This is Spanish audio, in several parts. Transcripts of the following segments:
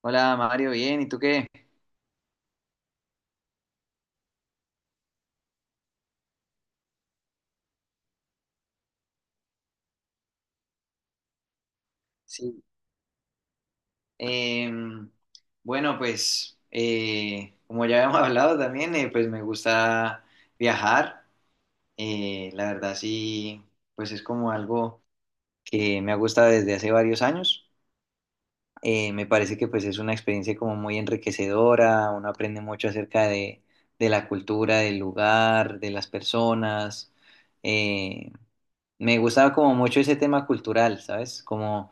Hola Mario, bien, ¿y tú qué? Sí. Em, bueno, pues como ya habíamos hablado también, pues me gusta viajar. La verdad sí, pues es como algo que me ha gustado desde hace varios años. Me parece que pues es una experiencia como muy enriquecedora, uno aprende mucho de la cultura, del lugar, de las personas. Eh, me gustaba como mucho ese tema cultural, ¿sabes? Como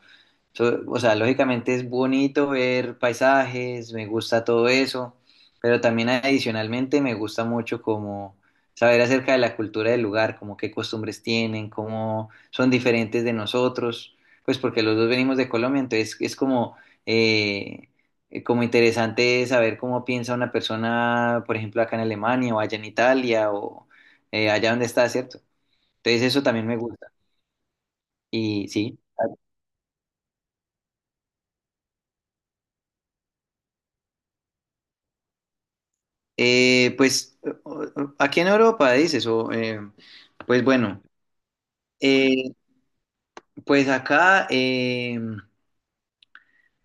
So- O sea, lógicamente es bonito ver paisajes, me gusta todo eso, pero también adicionalmente me gusta mucho como saber acerca de la cultura del lugar, como qué costumbres tienen, cómo son diferentes de nosotros, pues porque los dos venimos de Colombia, entonces es eh, como interesante saber cómo piensa una persona, por ejemplo, acá en Alemania o allá en Italia o allá donde está, ¿cierto? Entonces eso también me gusta. Y sí. Pues aquí en Europa dices, pues bueno, eh, pues acá,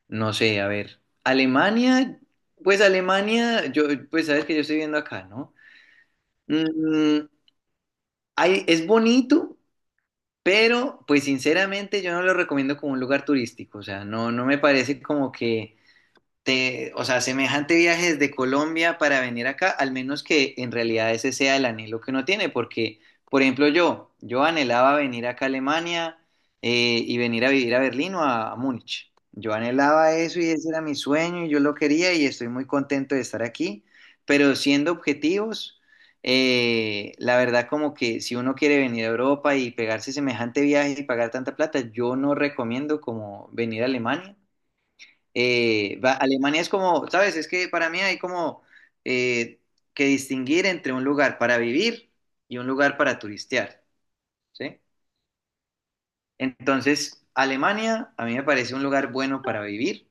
no sé, a ver, Alemania, pues Alemania, yo, pues sabes que yo estoy viviendo acá, ¿no? Mm, es bonito, pero pues sinceramente yo no lo recomiendo como un lugar turístico, o sea, no, no me parece como que o sea, semejante viaje desde Colombia para venir acá, al menos que en realidad ese sea el anhelo que uno tiene, porque, por ejemplo, yo anhelaba venir acá a Alemania y venir a vivir a Berlín o a Múnich. Yo anhelaba eso y ese era mi sueño y yo lo quería y estoy muy contento de estar aquí, pero siendo objetivos, la verdad como que si uno quiere venir a Europa y pegarse semejante viaje y pagar tanta plata, yo no recomiendo como venir a Alemania Alemania es como, ¿sabes? Es que para mí hay como eh, que distinguir entre un lugar para vivir y un lugar para turistear, ¿sí? Entonces, Alemania a mí me parece un lugar bueno para vivir,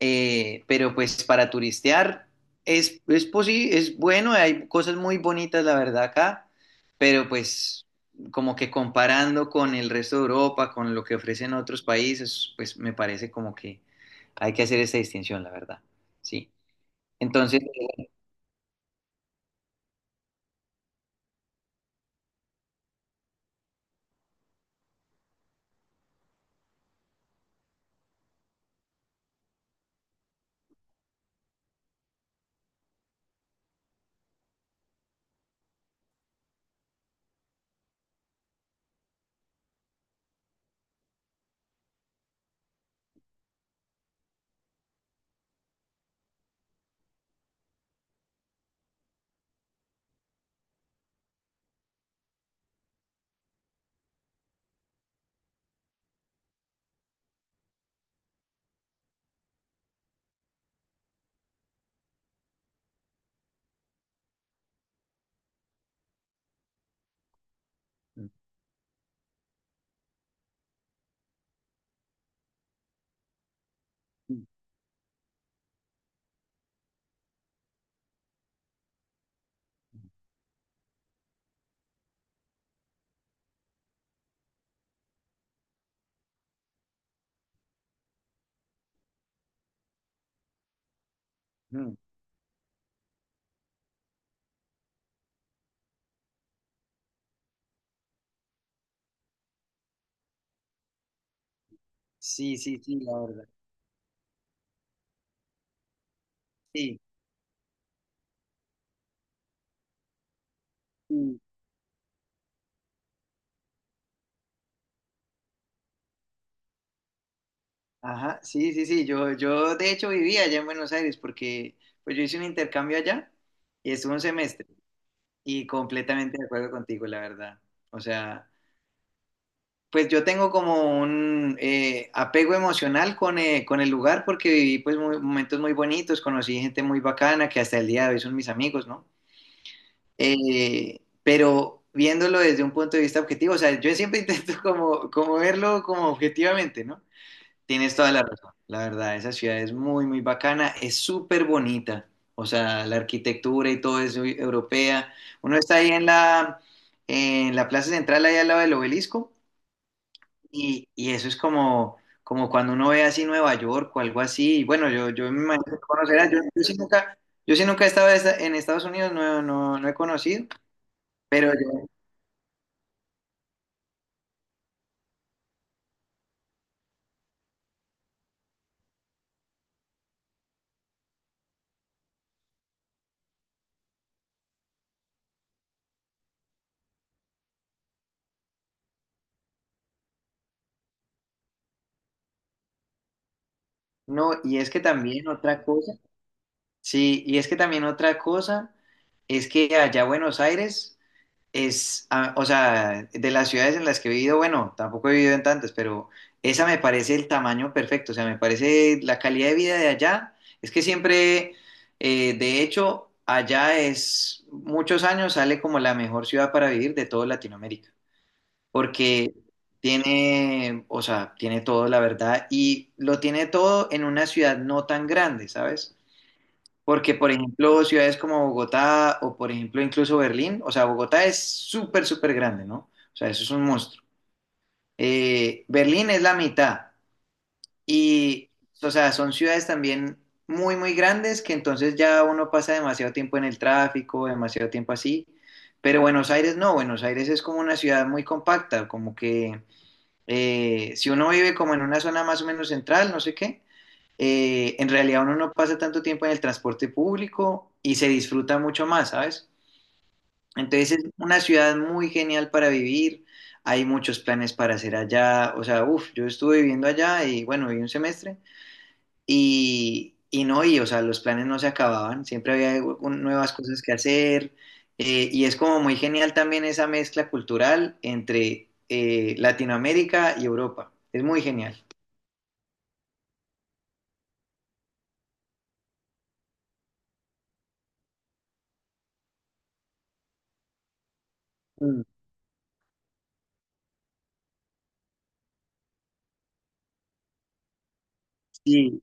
pero pues para turistear es bueno, hay cosas muy bonitas, la verdad, acá, pero pues como que comparando con el resto de Europa, con lo que ofrecen otros países, pues me parece como que hay que hacer esa distinción, la verdad, sí. Entonces, ujú, sí, sí, sí, la verdad. Sí, sí, ajá, sí, sí, sí. Yo de hecho vivía allá en Buenos Aires porque pues yo hice un intercambio allá y estuve un semestre y completamente de acuerdo contigo, la verdad. O sea, pues yo tengo como un apego emocional con el lugar porque viví momentos muy bonitos, conocí gente muy bacana que hasta el día de hoy son mis amigos, ¿no? Pero viéndolo desde un punto de vista objetivo, o sea, yo siempre intento como, como verlo como objetivamente, ¿no? Tienes toda la razón, la verdad, esa ciudad es muy, muy bacana, es súper bonita, o sea, la arquitectura y todo es muy europea. Uno está ahí en en la plaza central, ahí al lado del obelisco, y eso es como, como cuando uno ve así Nueva York o algo así, y bueno, yo me imagino que conocerás, yo sí nunca he estado en Estados Unidos, no, no, no he conocido, pero yo. No, y es que también otra cosa, sí, y es que también otra cosa es que allá Buenos Aires ah, o sea, de las ciudades en las que he vivido, bueno, tampoco he vivido en tantas, pero esa me parece el tamaño perfecto, o sea, me parece la calidad de vida de allá, es que siempre, de hecho, allá es, muchos años sale como la mejor ciudad para vivir de toda Latinoamérica porque tiene, o sea, tiene todo, la verdad, y lo tiene todo en una ciudad no tan grande, ¿sabes? Porque, por ejemplo, ciudades como Bogotá o, por ejemplo, incluso Berlín, o sea, Bogotá es súper, súper grande, ¿no? O sea, eso es un monstruo. Berlín es la mitad y, o sea, son ciudades también muy, muy grandes que entonces ya uno pasa demasiado tiempo en el tráfico, demasiado tiempo así. Pero Buenos Aires no, Buenos Aires es como una ciudad muy compacta, como que si uno vive como en una zona más o menos central, no sé qué, en realidad uno no pasa tanto tiempo en el transporte público y se disfruta mucho más, ¿sabes? Entonces es una ciudad muy genial para vivir, hay muchos planes para hacer allá, o sea, uff, yo estuve viviendo allá y bueno, viví un semestre y no, y o sea, los planes no se acababan, siempre había nuevas cosas que hacer, y es como muy genial también esa mezcla cultural entre Latinoamérica y Europa, es muy genial. Mm, sí,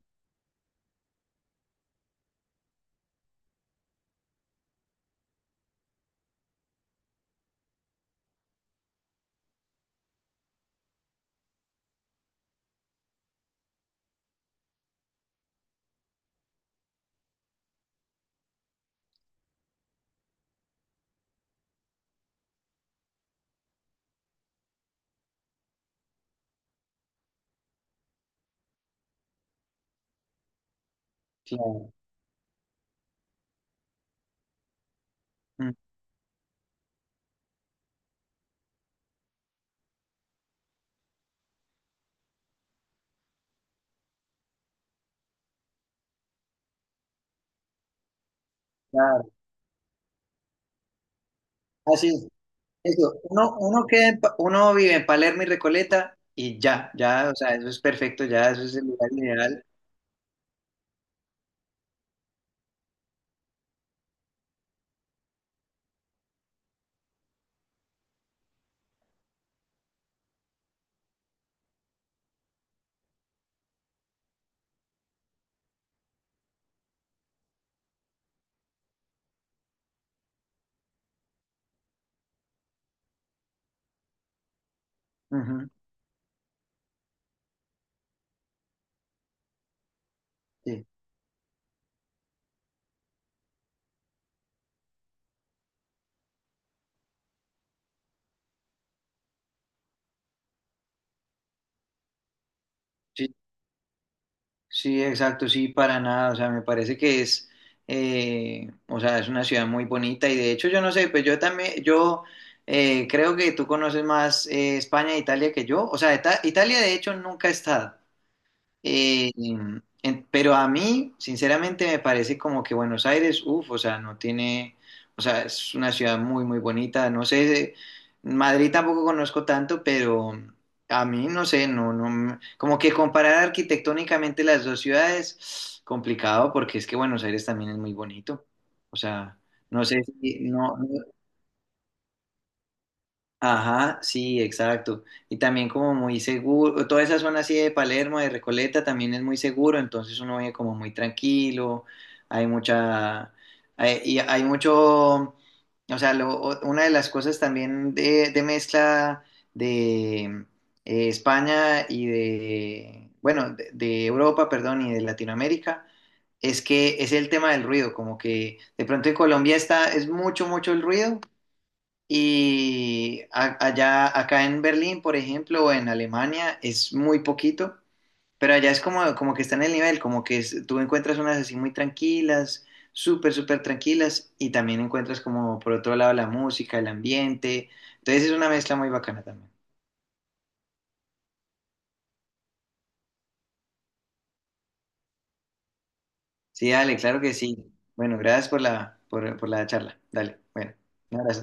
claro. Mm, claro. Así es. Eso, queda en uno vive en Palermo y Recoleta y ya, ya, o sea, eso es perfecto, ya, eso es el lugar ideal. Ujú, sí, sí, sí, exacto, sí, para nada, o sea, me parece que o sea, es una ciudad muy bonita y de hecho yo no sé, pues yo también, yo creo que tú conoces más España e Italia que yo, o sea, Italia de hecho nunca he estado, pero a mí, sinceramente, me parece como que Buenos Aires, uff, o sea, no tiene, o sea, es una ciudad muy, muy bonita. No sé, Madrid tampoco conozco tanto, pero a mí, no sé, no, no, como que comparar arquitectónicamente las dos ciudades, complicado, porque es que Buenos Aires también es muy bonito. O sea, no sé si, no. Ajá, sí, exacto. Y también como muy seguro, toda esa zona así de Palermo, de Recoleta, también es muy seguro, entonces uno vive como muy tranquilo, hay mucha, hay, y hay mucho, o sea, una de las cosas también de mezcla de España y de, bueno, de Europa, perdón, y de Latinoamérica es que es el tema del ruido, como que de pronto en Colombia está, es mucho, mucho el ruido, y allá, acá en Berlín, por ejemplo, o en Alemania, es muy poquito, pero allá es como, como que está en el nivel, como que tú encuentras unas así muy tranquilas, súper, súper tranquilas, y también encuentras como por otro lado la música, el ambiente. Entonces es una mezcla muy bacana también. Sí, dale, claro que sí. Bueno, gracias por por la charla. Dale, bueno, un abrazo.